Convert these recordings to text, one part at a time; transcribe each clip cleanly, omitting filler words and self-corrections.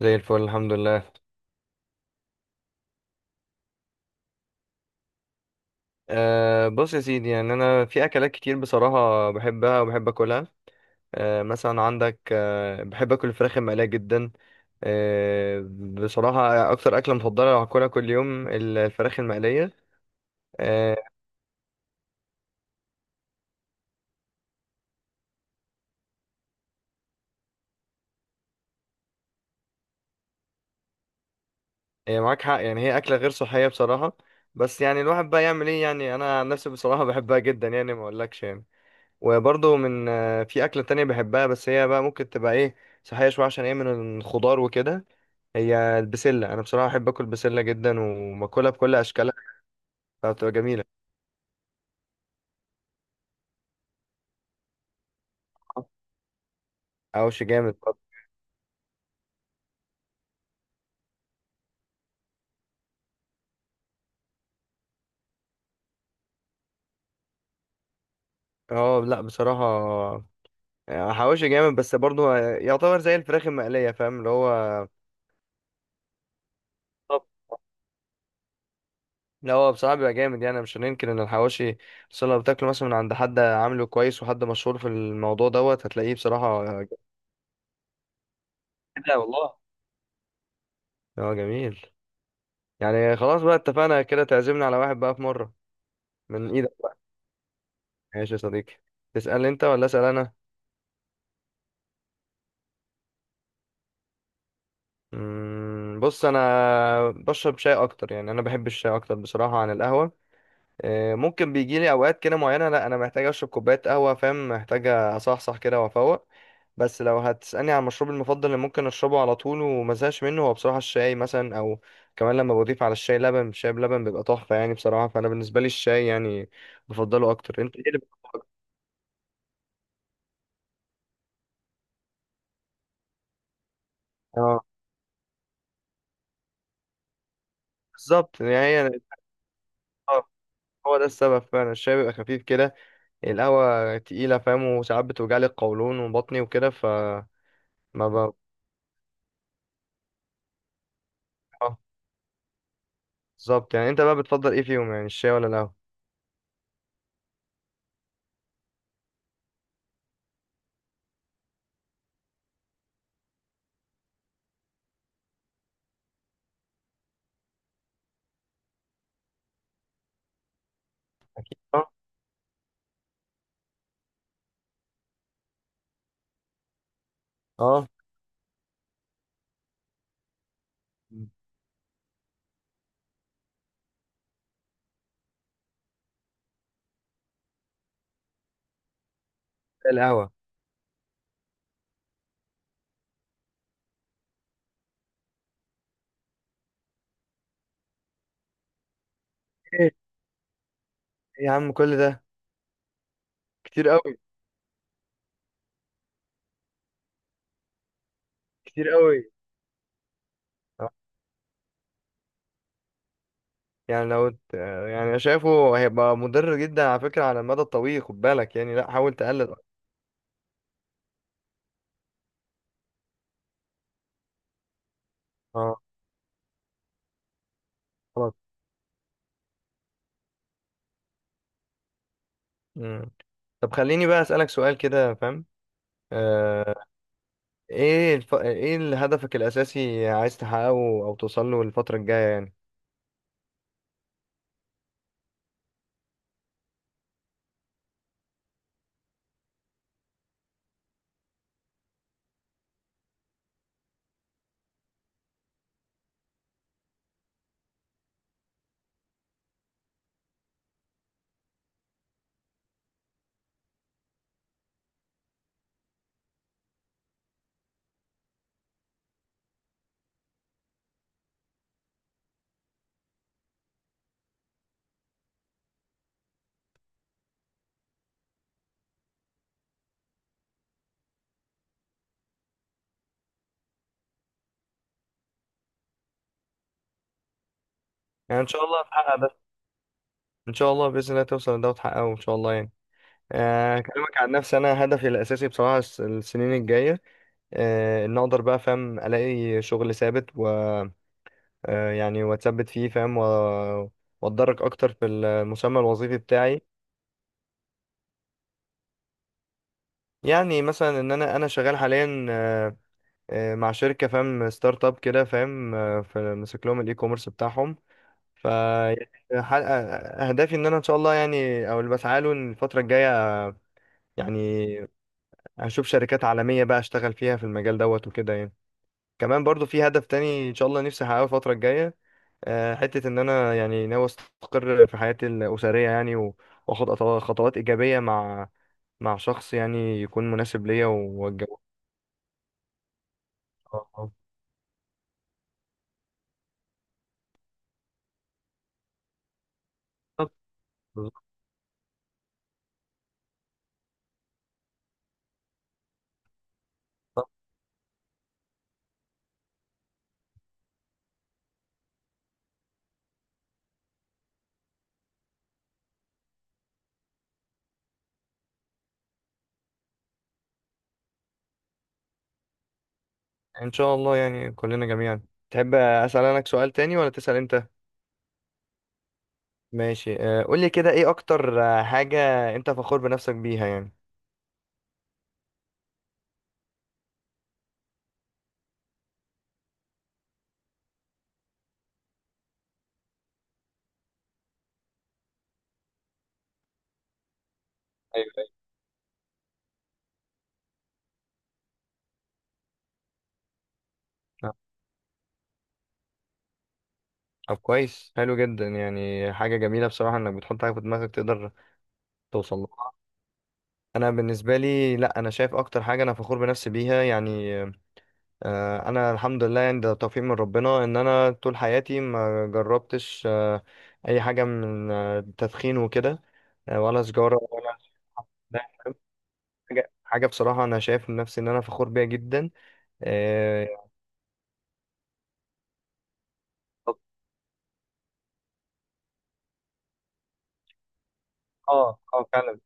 زي الفل، الحمد لله. بص يا سيدي، يعني انا في اكلات كتير بصراحه بحبها وبحب اكلها. مثلا عندك، بحب اكل الفراخ المقليه جدا. بصراحه اكتر اكله مفضله لو هاكلها كل يوم الفراخ المقليه. أه. هي معاك حق، يعني هي اكله غير صحيه بصراحه. بس يعني الواحد بقى يعمل ايه؟ يعني انا عن نفسي بصراحه بحبها جدا، يعني ما اقولكش يعني. وبرضه من أه في اكله تانية بحبها، بس هي بقى ممكن تبقى ايه، صحيه شويه عشان هي من الخضار وكده. هي البسلة. أنا بصراحة بحب آكل بسلة جدا وباكلها بكل أشكالها. فبتبقى جميلة. حواوشي جامد. طب. اه، لا بصراحة. حواوشي جامد، بس برضه يعتبر زي الفراخ المقلية، فاهم اللي هو. طب. لا، هو بصراحة بيبقى جامد، يعني مش هننكر إن الحواوشي. بس لو بتاكله مثلا من عند حد عامله كويس، وحد مشهور في الموضوع دوت، هتلاقيه بصراحة جامد. لا والله. اه، جميل. يعني خلاص بقى، اتفقنا كده تعزمنا على واحد بقى في مرة. من إيدك. ماشي يا صديقي. تسأل أنت ولا أسأل أنا؟ بص انا بشرب شاي اكتر، يعني انا بحب الشاي اكتر بصراحه عن القهوه. ممكن بيجي لي اوقات كده معينه، لا، انا محتاج اشرب كوبايه قهوه فاهم، محتاج اصحصح كده وافوق. بس لو هتسالني عن مشروبي المفضل اللي ممكن اشربه على طول ومزهقش منه، هو بصراحه الشاي مثلا، او كمان لما بضيف على الشاي لبن، الشاي بلبن بيبقى تحفه يعني بصراحه، فانا بالنسبه لي الشاي يعني بفضله اكتر. انت ايه اللي بتفضله أكتر؟ اه، بالظبط يعني هي. آه، هو ده السبب فعلا، الشاي بيبقى خفيف كده. القهوة تقيلة فاهم، وساعات بتوجعلي القولون وبطني وكده، فما. ب... آه، بالظبط. يعني انت بقى بتفضل ايه فيهم؟ يعني الشاي ولا القهوة؟ اه. آه، القهوة. ايه يا عم، كل ده. كتير قوي. كتير قوي. آه، يعني لو ت- آه، يعني أنا شايفه هيبقى مضر جدا على فكرة، على المدى الطويل خد بالك يعني، لا، حاول تقلل. اه. خلاص. مم. طب خليني بقى أسألك سؤال كده فاهم. آه. ايه هدفك الأساسي عايز تحققه، او توصل له الفترة الجاية يعني؟ يعني ان شاء الله هتحقق. ان شاء الله باذن الله توصل لده وتحققه ان شاء الله يعني. اكلمك عن نفسي، انا هدفي الاساسي بصراحه السنين الجايه، ان اقدر بقى فاهم الاقي شغل ثابت، و يعني واتثبت فيه فاهم، واتدرج اكتر في المسمى الوظيفي بتاعي. يعني مثلا ان انا شغال حاليا، مع شركه فاهم ستارت اب كده فاهم، ماسك لهم الاي كوميرس بتاعهم. ف يعني، ح- اهدافي ان انا ان شاء الله يعني، او اللي بسعى له إن الفتره الجايه يعني، هشوف شركات عالمية بقى اشتغل فيها في المجال دوت وكده يعني. كمان برضو في هدف تاني ان شاء الله نفسي احققه الفترة الجاية، حتة ان انا يعني ناوي استقر في حياتي الأسرية، يعني واخد خطوات إيجابية مع شخص يعني يكون مناسب ليا واتجوز. ان شاء الله. بالظبط، بالظبط. ان شاء الله يعني كلنا جميعا. تحب اسال انا سؤال تاني ولا تسال انت؟ ماشي. قول لي كده ايه اكتر حاجة انت فخور بنفسك بيها يعني؟ ايوه. أيوة. طب كويس، حلو جدا، يعني حاجة جميلة بصراحة انك بتحط حاجة في دماغك تقدر توصل لها. انا بالنسبة لي، لا، انا شايف اكتر حاجة انا فخور بنفسي بيها يعني، انا الحمد لله، يعني ده توفيق من ربنا ان انا طول حياتي ما جربتش، اي حاجة من التدخين وكده، ولا سجارة، ولا... ده، حاجة بصراحة انا شايف نفسي ان انا فخور بيها جدا. اه. اه، فعلا.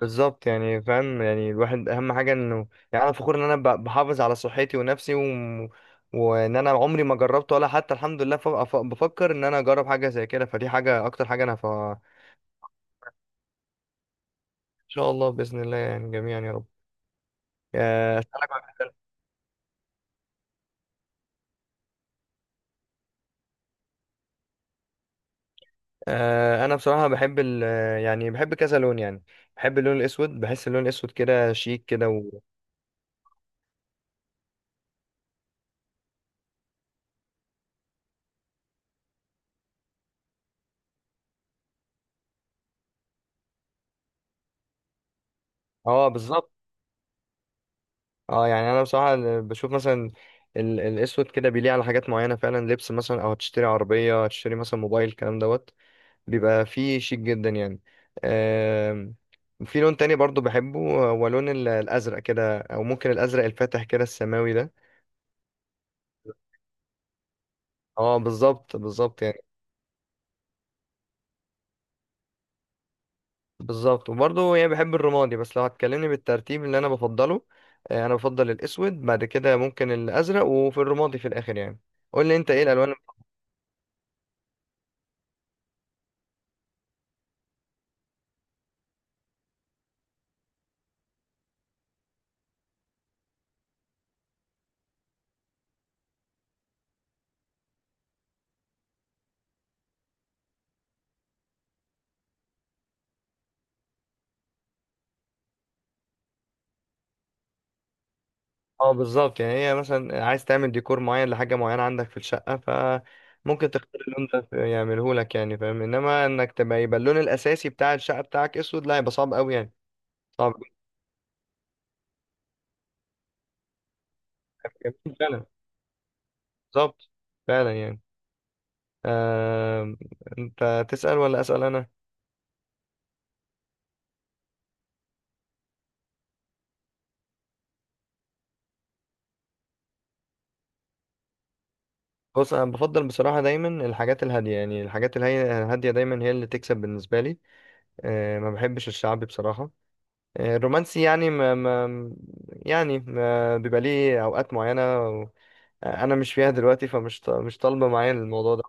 بالظبط يعني فاهم، يعني الواحد اهم حاجه انه يعني انا فخور ان انا بحافظ على صحتي ونفسي و... وان انا عمري ما جربت ولا حتى الحمد لله بفكر ان انا اجرب حاجه زي كده، فدي حاجه اكتر حاجه انا ف... ان شاء الله باذن الله يعني، جميعا يا رب. اسالك عن حاجة تانية. انا بصراحه بحب ال... آه، يعني بحب كذا لون يعني. بحب اللون الاسود، بحس اللون الاسود كده شيك كده، و... اه، بالظبط. اه، يعني انا بصراحه بشوف مثلا الاسود كده بيليق على حاجات معينه فعلا، لبس مثلا، او هتشتري عربيه، هتشتري مثلا موبايل، الكلام دوت، بيبقى فيه شيك جدا يعني. آم، في لون تاني برضو بحبه، هو لون الازرق كده، او ممكن الازرق الفاتح كده السماوي ده. اه، بالظبط، بالظبط يعني. بالظبط. وبرضو يعني بحب الرمادي، بس لو هتكلمني بالترتيب اللي انا بفضله، انا بفضل الاسود، بعد كده ممكن الازرق، وفي الرمادي في الاخر يعني. قول لي انت ايه الالوان؟ اه، بالظبط يعني، هي مثلا عايز تعمل ديكور معين لحاجة معينة عندك في الشقة فممكن تختار اللون ده يعمله لك يعني فاهم، انما انك تبقى يبقى اللون الاساسي بتاع الشقة بتاعك اسود، لا يبقى صعب قوي يعني. صعب. جميل فعلا. بالظبط. فعلا يعني. آه... انت تسأل ولا اسأل انا؟ بص، انا بفضل بصراحة دايما الحاجات الهادية، يعني الحاجات الهادية دايما هي اللي تكسب بالنسبة لي. ما بحبش الشعبي بصراحة. الرومانسي يعني ما... ما... يعني ما بيبقى ليه اوقات معينة، انا مش فيها دلوقتي، فمش مش طالبه معايا الموضوع ده.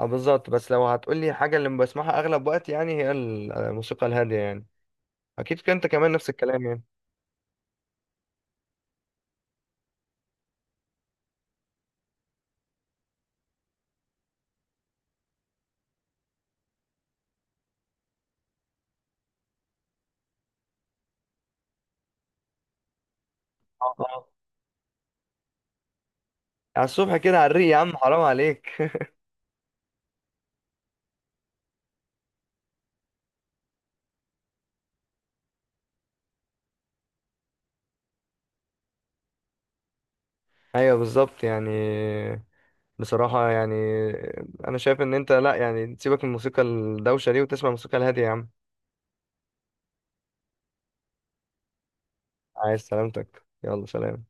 بالظبط، بس لو هتقولي حاجه اللي بسمعها اغلب وقت يعني، هي الموسيقى الهاديه يعني. اكيد كنت انت كمان نفس الكلام يعني؟ اه. اه، على الصبح كده على الريق يا عم، حرام عليك. ايوه، بالظبط يعني. بصراحه يعني، انا شايف ان انت لا، يعني تسيبك من الموسيقى الدوشه دي وتسمع الموسيقى الهاديه يا عم. عايز سلامتك، يلا سلام.